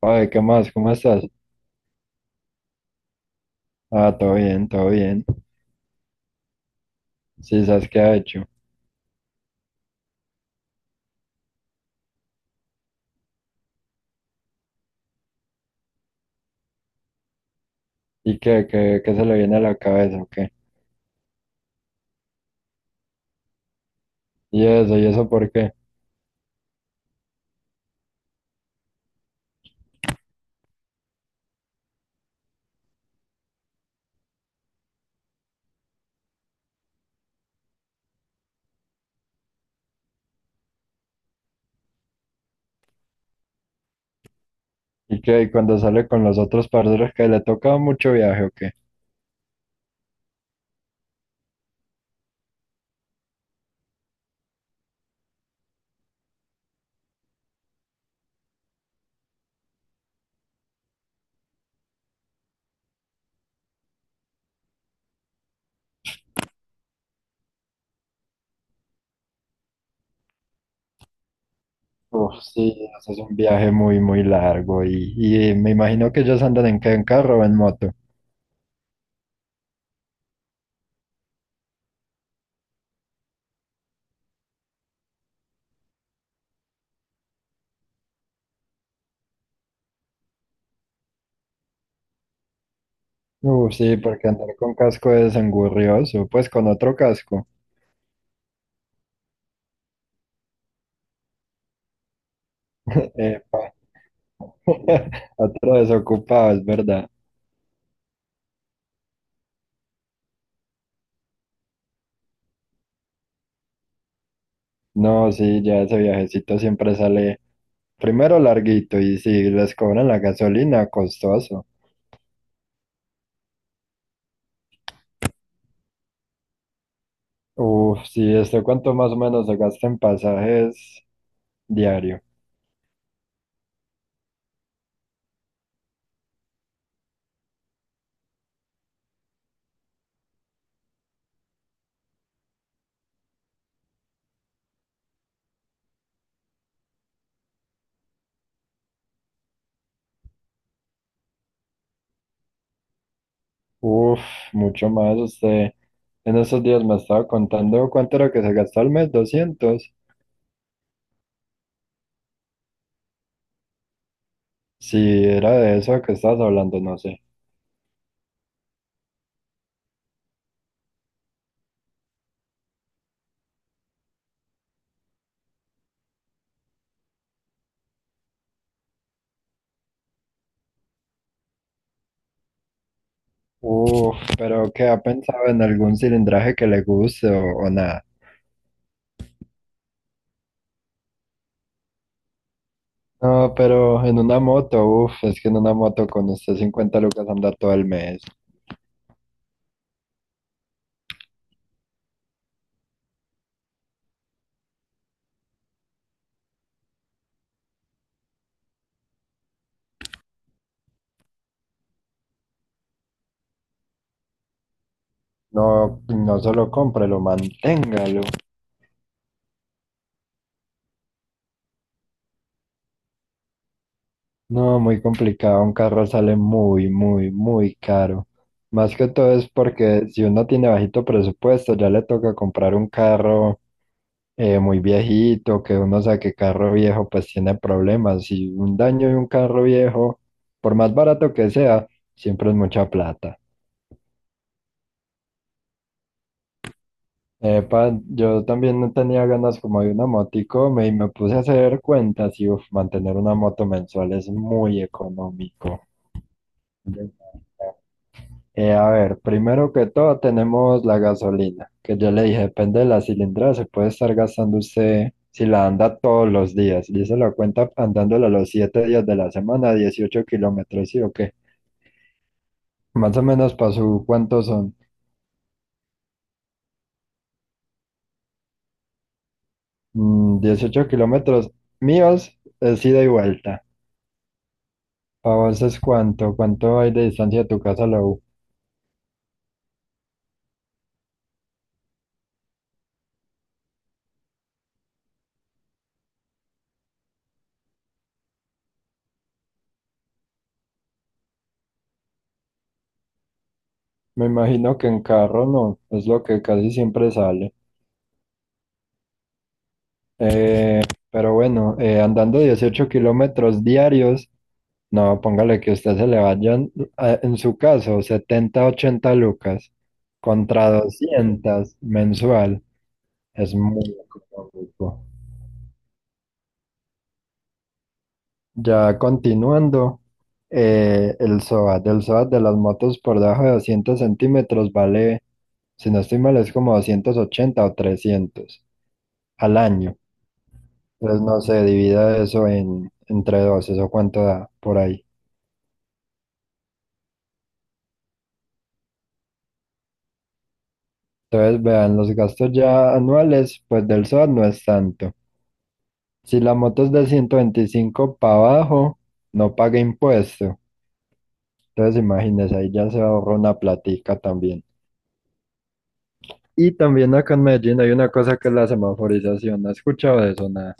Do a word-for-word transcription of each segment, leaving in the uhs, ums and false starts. Oye, ¿qué más? ¿Cómo estás? Ah, todo bien, todo bien. Sí, ¿sabes qué ha hecho? ¿Y qué, qué, qué se le viene a la cabeza o qué? ¿Y eso? ¿Y eso por qué? ¿Y qué? ¿Y cuando sale con los otros parceros que le toca mucho viaje o qué? Uf, sí, eso es un viaje muy, muy largo y, y me imagino que ellos andan en qué, en carro o en moto. Uf, sí, porque andar con casco es engurrioso, pues con otro casco. Epa, otro desocupado, es verdad. No, sí, ya ese viajecito siempre sale primero larguito y si les cobran la gasolina, costoso. Uf, si esto cuánto más o menos se gasta en pasajes diario. Uf, mucho más. Usted en esos días me estaba contando cuánto era que se gastó al mes, doscientos. Si era de eso que estabas hablando, no sé. Uf, pero ¿qué ha pensado en algún cilindraje que le guste o, o nada? No, pero en una moto, uf, es que en una moto con usted cincuenta lucas andar todo el mes. No, no solo cómprelo, manténgalo. No, muy complicado. Un carro sale muy, muy, muy caro. Más que todo es porque si uno tiene bajito presupuesto, ya le toca comprar un carro eh, muy viejito, que uno sabe que carro viejo pues tiene problemas. Y un daño de un carro viejo, por más barato que sea, siempre es mucha plata. Epa, yo también no tenía ganas como de una motico me, y me puse a hacer cuentas y uf, mantener una moto mensual es muy económico. Eh, a ver, primero que todo tenemos la gasolina, que yo le dije, depende de la cilindrada, se puede estar gastando usted si la anda todos los días. Y se la cuenta andándola los siete días de la semana, dieciocho kilómetros, ¿sí o qué? Más o menos para su, ¿cuántos son? Mm, dieciocho kilómetros míos, es ida y vuelta. ¿Para vos es cuánto? ¿Cuánto hay de distancia de tu casa a la U? Me imagino que en carro no, es lo que casi siempre sale. Eh, pero bueno, eh, andando dieciocho kilómetros diarios, no, póngale que usted se le vayan, eh, en su caso, setenta, ochenta lucas contra doscientas mensual, es muy económico. Ya continuando, eh, el SOAT, el SOAT de las motos por debajo de doscientos centímetros vale. Si no estoy mal, es como doscientos ochenta o trescientos al año. Entonces no se divida eso en, entre dos, eso cuánto da por ahí. Entonces vean, los gastos ya anuales, pues del SOAT no es tanto. Si la moto es de ciento veinticinco para abajo, no paga impuesto. Entonces imagínense, ahí ya se ahorra una platica también. Y también acá en Medellín hay una cosa que es la semaforización. ¿Has escuchado de eso? Nada.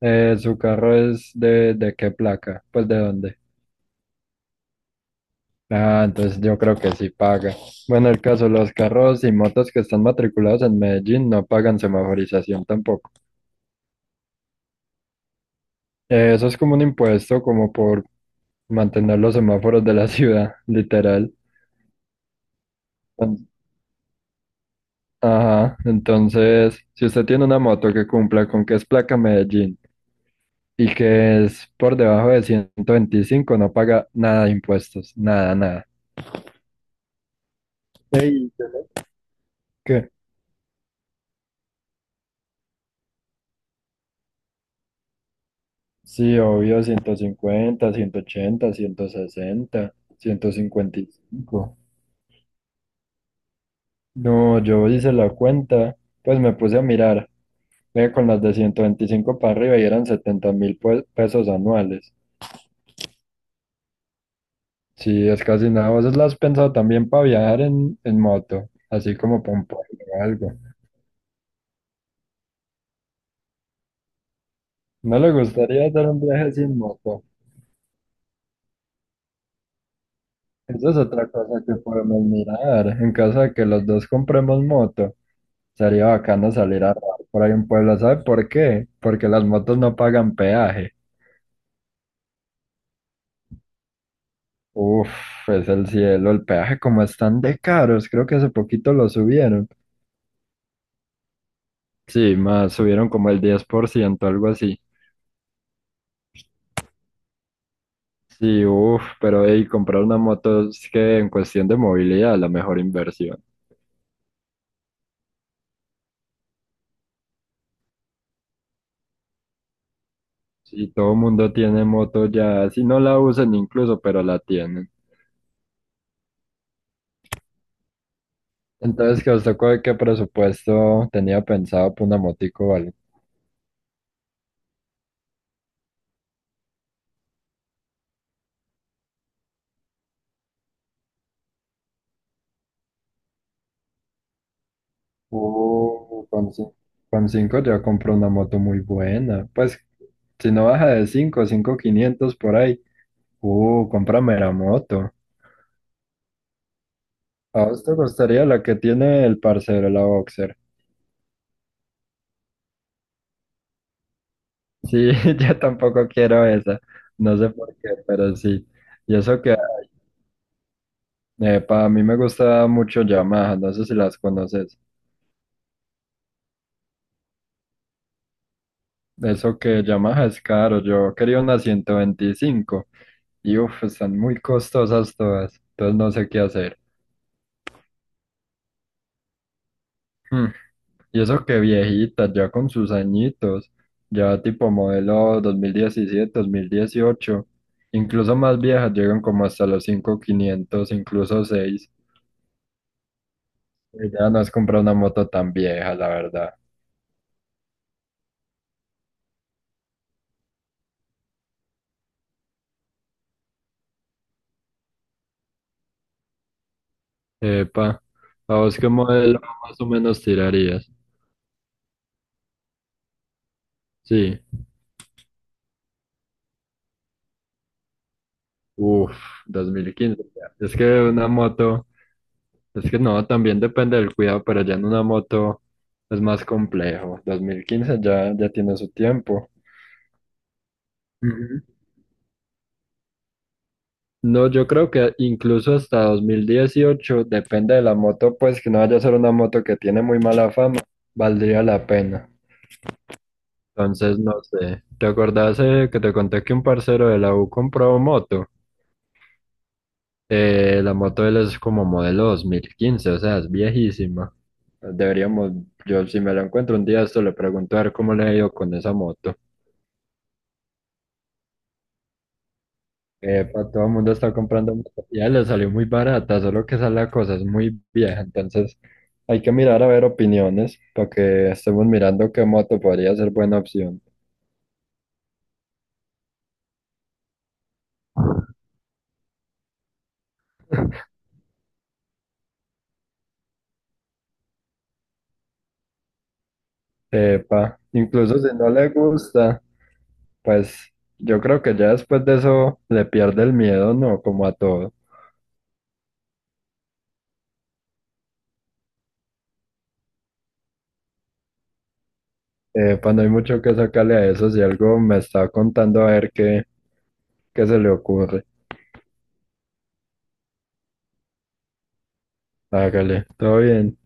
Eh, ¿su carro es de, de qué placa? Pues de dónde. Ah, entonces yo creo que sí paga. Bueno, el caso, los carros y motos que están matriculados en Medellín no pagan semaforización tampoco. Eh, eso es como un impuesto como por mantener los semáforos de la ciudad, literal. Ent- Ajá, entonces, si usted tiene una moto que cumpla con que es placa Medellín y que es por debajo de ciento veinticinco, no paga nada de impuestos, nada, nada. Ey, ¿qué? Sí, obvio, ciento cincuenta ciento ochenta, ciento sesenta, ciento cincuenta y cinco. No, yo hice la cuenta, pues me puse a mirar, eh, con las de ciento veinticinco para arriba y eran setenta mil pesos anuales. Sí, es casi nada. ¿Vos las has pensado también para viajar en, en moto? Así como para un pueblo o algo. ¿No le gustaría hacer un viaje sin moto? Esa es otra cosa que podemos mirar, en caso de que los dos compremos moto. Sería bacano salir a rodar por ahí un pueblo. ¿Sabe por qué? Porque las motos no pagan peaje. Uf, es el cielo. El peaje como están de caros. Creo que hace poquito lo subieron. Sí, más subieron como el diez por ciento, algo así. Sí, uf, pero hey, comprar una moto es que en cuestión de movilidad la mejor inversión. Sí, todo el mundo tiene moto ya, si no la usan incluso, pero la tienen. Entonces, ¿qué os tocó? ¿Qué presupuesto tenía pensado para una motico, o algo? Uh, con, cin- con cinco ya compró una moto muy buena. Pues si no baja de cinco, cinco quinientos por ahí. Uh, cómprame la moto. ¿A vos te gustaría la que tiene el parcero, la Boxer? Sí, yo tampoco quiero esa. No sé por qué, pero sí. Y eso que, para mí me gusta mucho Yamaha, no sé si las conoces. Eso que Yamaha es caro, yo quería una ciento veinticinco. Y uff, están muy costosas todas, entonces no sé qué hacer. Hmm, Y eso que viejita, ya con sus añitos, ya tipo modelo dos dos mil diecisiete dos mil dieciocho incluso más viejas llegan como hasta los cinco mil quinientos incluso seis. Ya no has comprado una moto tan vieja, la verdad. Epa, ¿a vos qué modelo más o menos tirarías? Sí, uff, dos mil quince ya. Es que una moto, es que no, también depende del cuidado, pero ya en una moto es más complejo. Dos mil quince ya, ya tiene su tiempo. Ujú. No, yo creo que incluso hasta dos mil dieciocho, depende de la moto, pues que no vaya a ser una moto que tiene muy mala fama, valdría la pena. Entonces, no sé. ¿Te acordás eh, que te conté que un parcero de la U compró moto? Eh, la moto de él es como modelo dos mil quince, o sea, es viejísima. Deberíamos, yo si me la encuentro un día, esto le pregunto a ver cómo le ha ido con esa moto. Epa, todo el mundo está comprando moto, ya le salió muy barata, solo que esa es la cosa, es muy vieja, entonces hay que mirar a ver opiniones para que estemos mirando qué moto podría ser buena opción. Epa, incluso si no le gusta, pues yo creo que ya después de eso le pierde el miedo, ¿no? Como a todo. Epa, no hay mucho que sacarle a eso, si algo me está contando a ver qué, qué, se le ocurre. Hágale, todo bien.